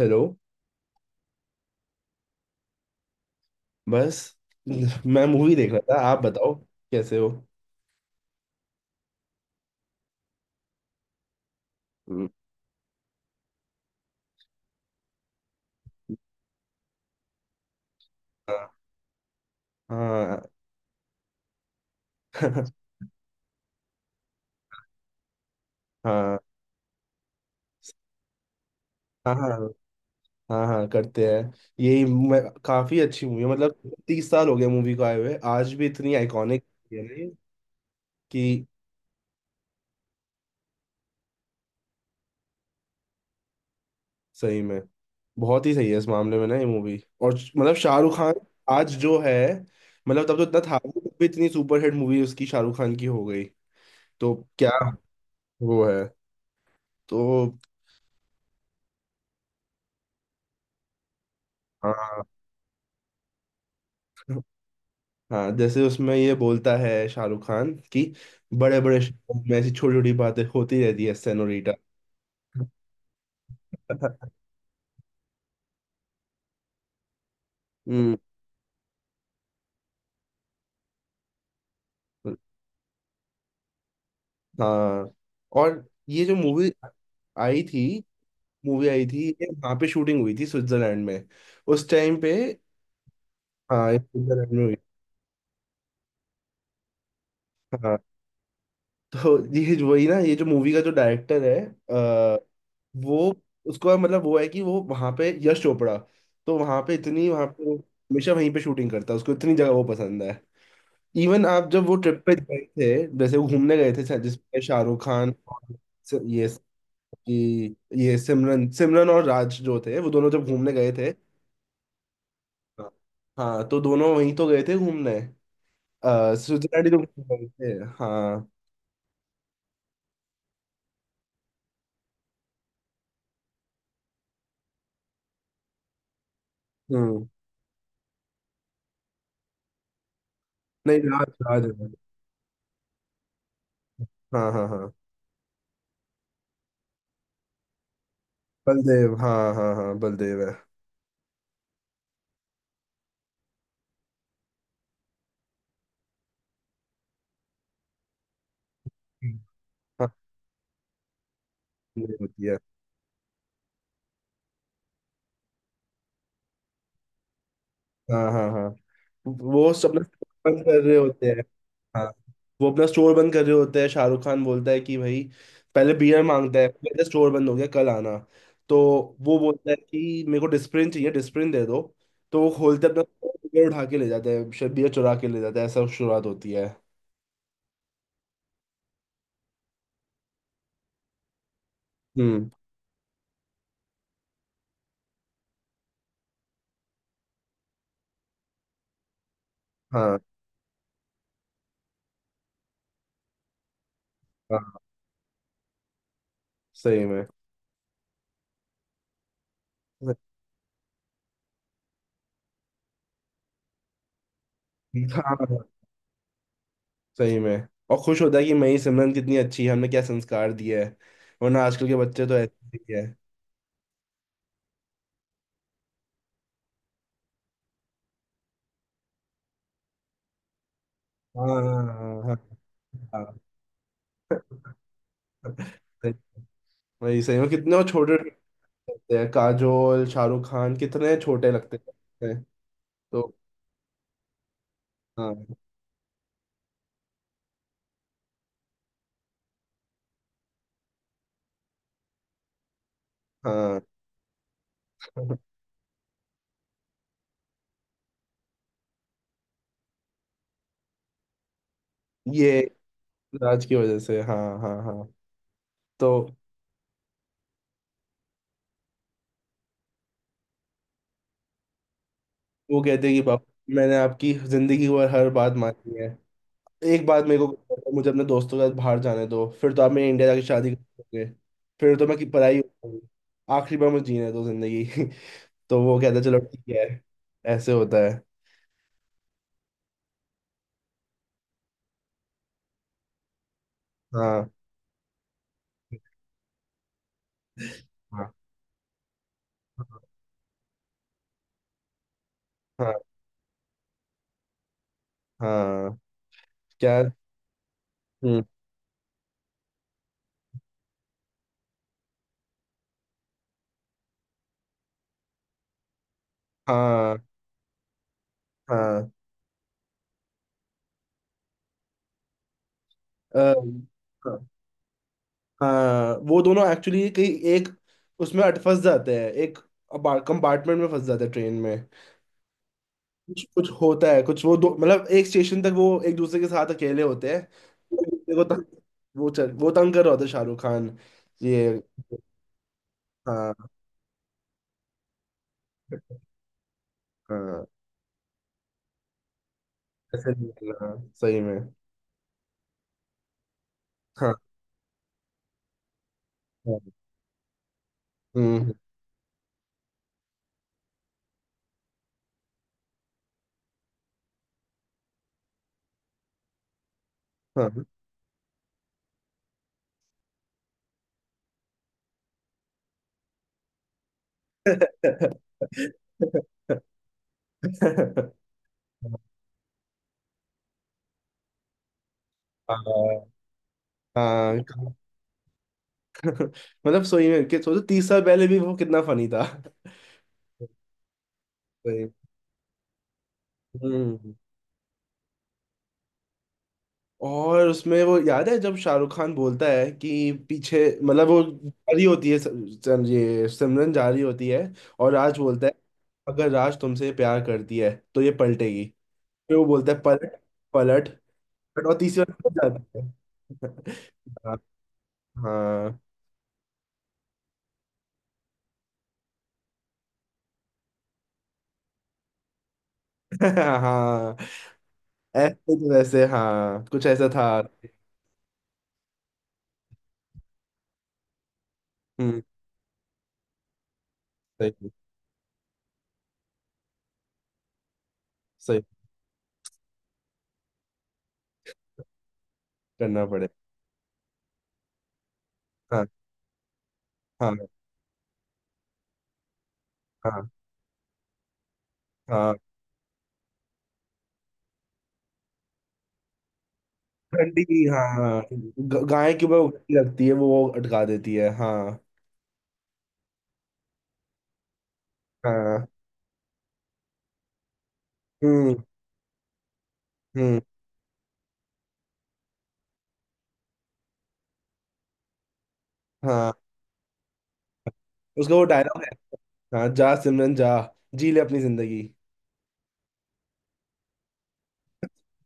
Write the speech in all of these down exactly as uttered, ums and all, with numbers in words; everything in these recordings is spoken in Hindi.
हेलो। बस मैं मूवी देख रहा था। आप बताओ, कैसे हो। हम्म। हाँ, हाँ। हाँ हाँ, हाँ। हाँ, हाँ करते हैं। यही मैं, काफी अच्छी मूवी है। मतलब तीस साल हो गए मूवी को आए हुए, आज भी इतनी आइकॉनिक है ना ये, कि सही में बहुत ही सही है इस मामले में ना, ये मूवी। और श- मतलब शाहरुख खान आज जो है, मतलब तब तो इतना था नहीं, तब भी इतनी सुपरहिट मूवी उसकी शाहरुख खान की हो गई। तो क्या, वो है तो। हाँ, हाँ, जैसे उसमें ये बोलता है शाहरुख खान कि बड़े बड़े शहरों में ऐसी छोटी छोटी बातें होती रहती है सेनोरिटा। हम्म। हाँ, और ये जो मूवी आई थी, मूवी आई थी ये, वहाँ पे शूटिंग हुई थी स्विट्जरलैंड में। उस टाइम पे। हाँ, ये स्विट्जरलैंड में हुई। हाँ। तो ये जो- वही ना, ये जो मूवी का जो डायरेक्टर है, अ, वो उसका मतलब वो है कि वो वहाँ पे, यश चोपड़ा, तो वहाँ पे इतनी वहाँ पे वो हमेशा वहीं पे शूटिंग करता है, उसको इतनी जगह वो पसंद है। इवन आप जब वो ट्रिप पे गए थे, जैसे वो घूमने गए थे, जिसमें शाहरुख खान और सि- ये कि ये सिमरन सिमरन और राज जो थे, वो दोनों जब घूमने गए थे। हाँ, हाँ, तो दोनों वहीं तो गए थे घूमने। अ, स्विट्जरलैंड ही तो घूमने गए थे। हाँ। हम्म। नहीं, राज, राज है। हाँ, हाँ, हाँ। बलदेव, हाँ, हाँ, हाँ, बलदेव है। हम्म। हाँ, बलदेव होती है। हाँ, हाँ, हाँ। वो सब अपना store बंद कर रहे होते हैं। हाँ, वो अपना स्टोर बंद कर रहे होते हैं। शाहरुख खान बोलता है कि भाई, पहले बियर मांगता है। मेरा स्टोर बंद हो गया, कल आना। तो वो बोलता है कि मेरे को डिस्प्रिन चाहिए, डिस्प्रिन दे दो। तो वो खोलते अपना, बियर उठा के ले जाते हैं, बियर चुरा के ले जाते हैं, ऐसा शुरुआत होती है। हम्म। हाँ, हाँ, सही में। हाँ, हाँ, सही में। और खुश होता है कि मई सिमरन कितनी अच्छी है, हमने क्या संस्कार दिया है। वरना आजकल के बच्चे तो ऐसे ही है। हाँ, हाँ, हाँ, हाँ। सही- वही, सही में कितने वो छोटे लगते हैं, काजोल शाहरुख खान कितने छोटे लगते हैं। तो। हाँ, हाँ, ये राज की वजह से। हाँ, हाँ, हाँ। तो वो कहते हैं कि पापा, मैंने आपकी जिंदगी भर हर बात मानी है, एक बात मेरे को मुझे अपने दोस्तों के साथ बाहर जाने दो। फिर तो आप मेरे इंडिया जाके शादी करोगे। फिर तो मैं की पढ़ाई करूंगी। आखिरी बार मुझे जीने दो जिंदगी। तो वो कहता है, चलो ठीक है। ऐसे होता है। हाँ, हाँ, हाँ, हाँ, हाँ, क्या? हम्म। हाँ, हाँ, अ, हाँ, हाँ, वो दोनों एक्चुअली कहीं, एक, उसमें अट फंस जाते हैं, एक कंपार्टमेंट में फंस जाते हैं ट्रेन में। कुछ कुछ होता है कुछ, वो दो मतलब, एक स्टेशन तक वो एक दूसरे के साथ अकेले होते हैं, एक दूसरे को तंग। वो चल वो तंग कर रहा होता है शाहरुख खान, ये। हाँ, हाँ, ऐसे नहीं करना, हाँ, सही में। हाँ, हाँ। हम्म, हाँ। हाँ, हाँ, हाँ। मतलब सही में कि सोचो, तीस साल पहले भी वो कितना फनी था। भाई। हम्म। और उसमें वो याद है जब शाहरुख खान बोलता है कि पीछे, मतलब वो जारी होती है, स- स- ये सिमरन जारी होती है, और राज बोलता है अगर राज तुमसे प्यार करती है तो ये पलटेगी। फिर वो बोलता है पलट, पलट, पलट, और तीसरी बार पलट जाता है। हाँ, हाँ। हाँ, ऐसे तो वैसे हाँ कुछ ऐसा था। हम्म। सही। सही। करना पड़े। हाँ। हाँ, हाँ, हाँ। ठंडी, हाँ, हाँ। ग- गाय के ऊपर वो घंटी लगती है, वो वो अटका देती है। हाँ। हाँ। हम्म। हम्म। हाँ, उसका वो डायलॉग है। हाँ, जा सिमरन जा, जी ले अपनी जिंदगी।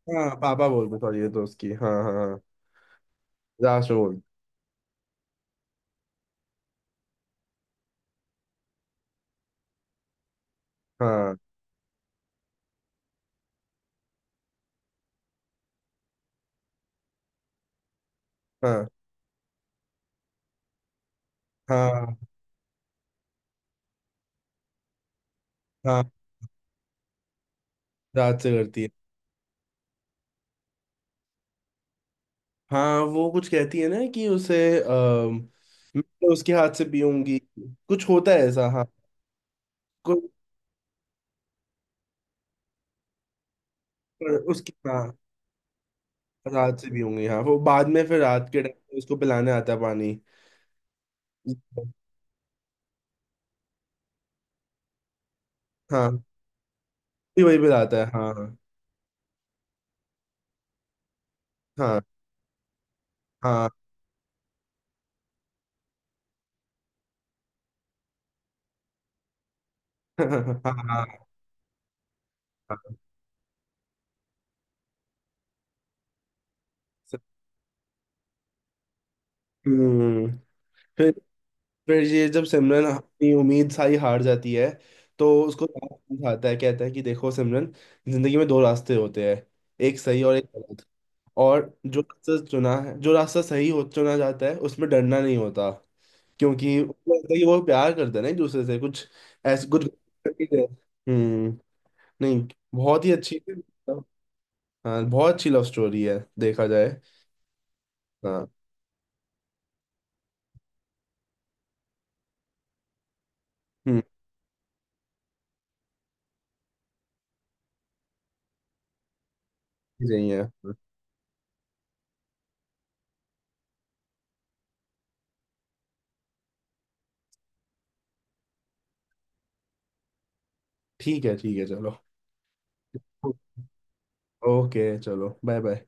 हाँ, पापा बोलते, सॉरी, ये तो उसकी। हाँ, हाँ, हाँ, राज में बोलते। हाँ, हाँ, हाँ, हाँ, रात से करती है। हाँ, वो कुछ कहती है ना कि उसे अम, मैं तो उसके हाथ से पीऊंगी, कुछ होता है ऐसा। हाँ। कुछ उसकी, हाँ, रात से पीऊंगी। हाँ, वो बाद में फिर रात के टाइम पे उसको पिलाने आता है पानी। हाँ, वही वही पिलाता है। हाँ, हाँ, हाँ। हाँ, हाँ, हाँ। हाँ, हम्म। फिर फिर ये जब सिमरन अपनी उम्मीद सारी हार जाती है, तो उसको समझाता है, कहता है कि देखो सिमरन, जिंदगी में दो रास्ते होते हैं, एक सही और एक गलत। और जो रास्ता चुना है, जो रास्ता सही हो चुना जाता है, उसमें डरना नहीं होता। क्योंकि उनको लगता है कि वो प्यार करते हैं ना एक दूसरे से, कुछ ऐसे कुछ करके। हम्म। नहीं, बहुत ही अच्छी। हाँ, बहुत अच्छी लव स्टोरी है देखा जाए। हाँ। हम्म। सही है। हाँ, ठीक है ठीक है चलो। ओके चलो। Bye bye.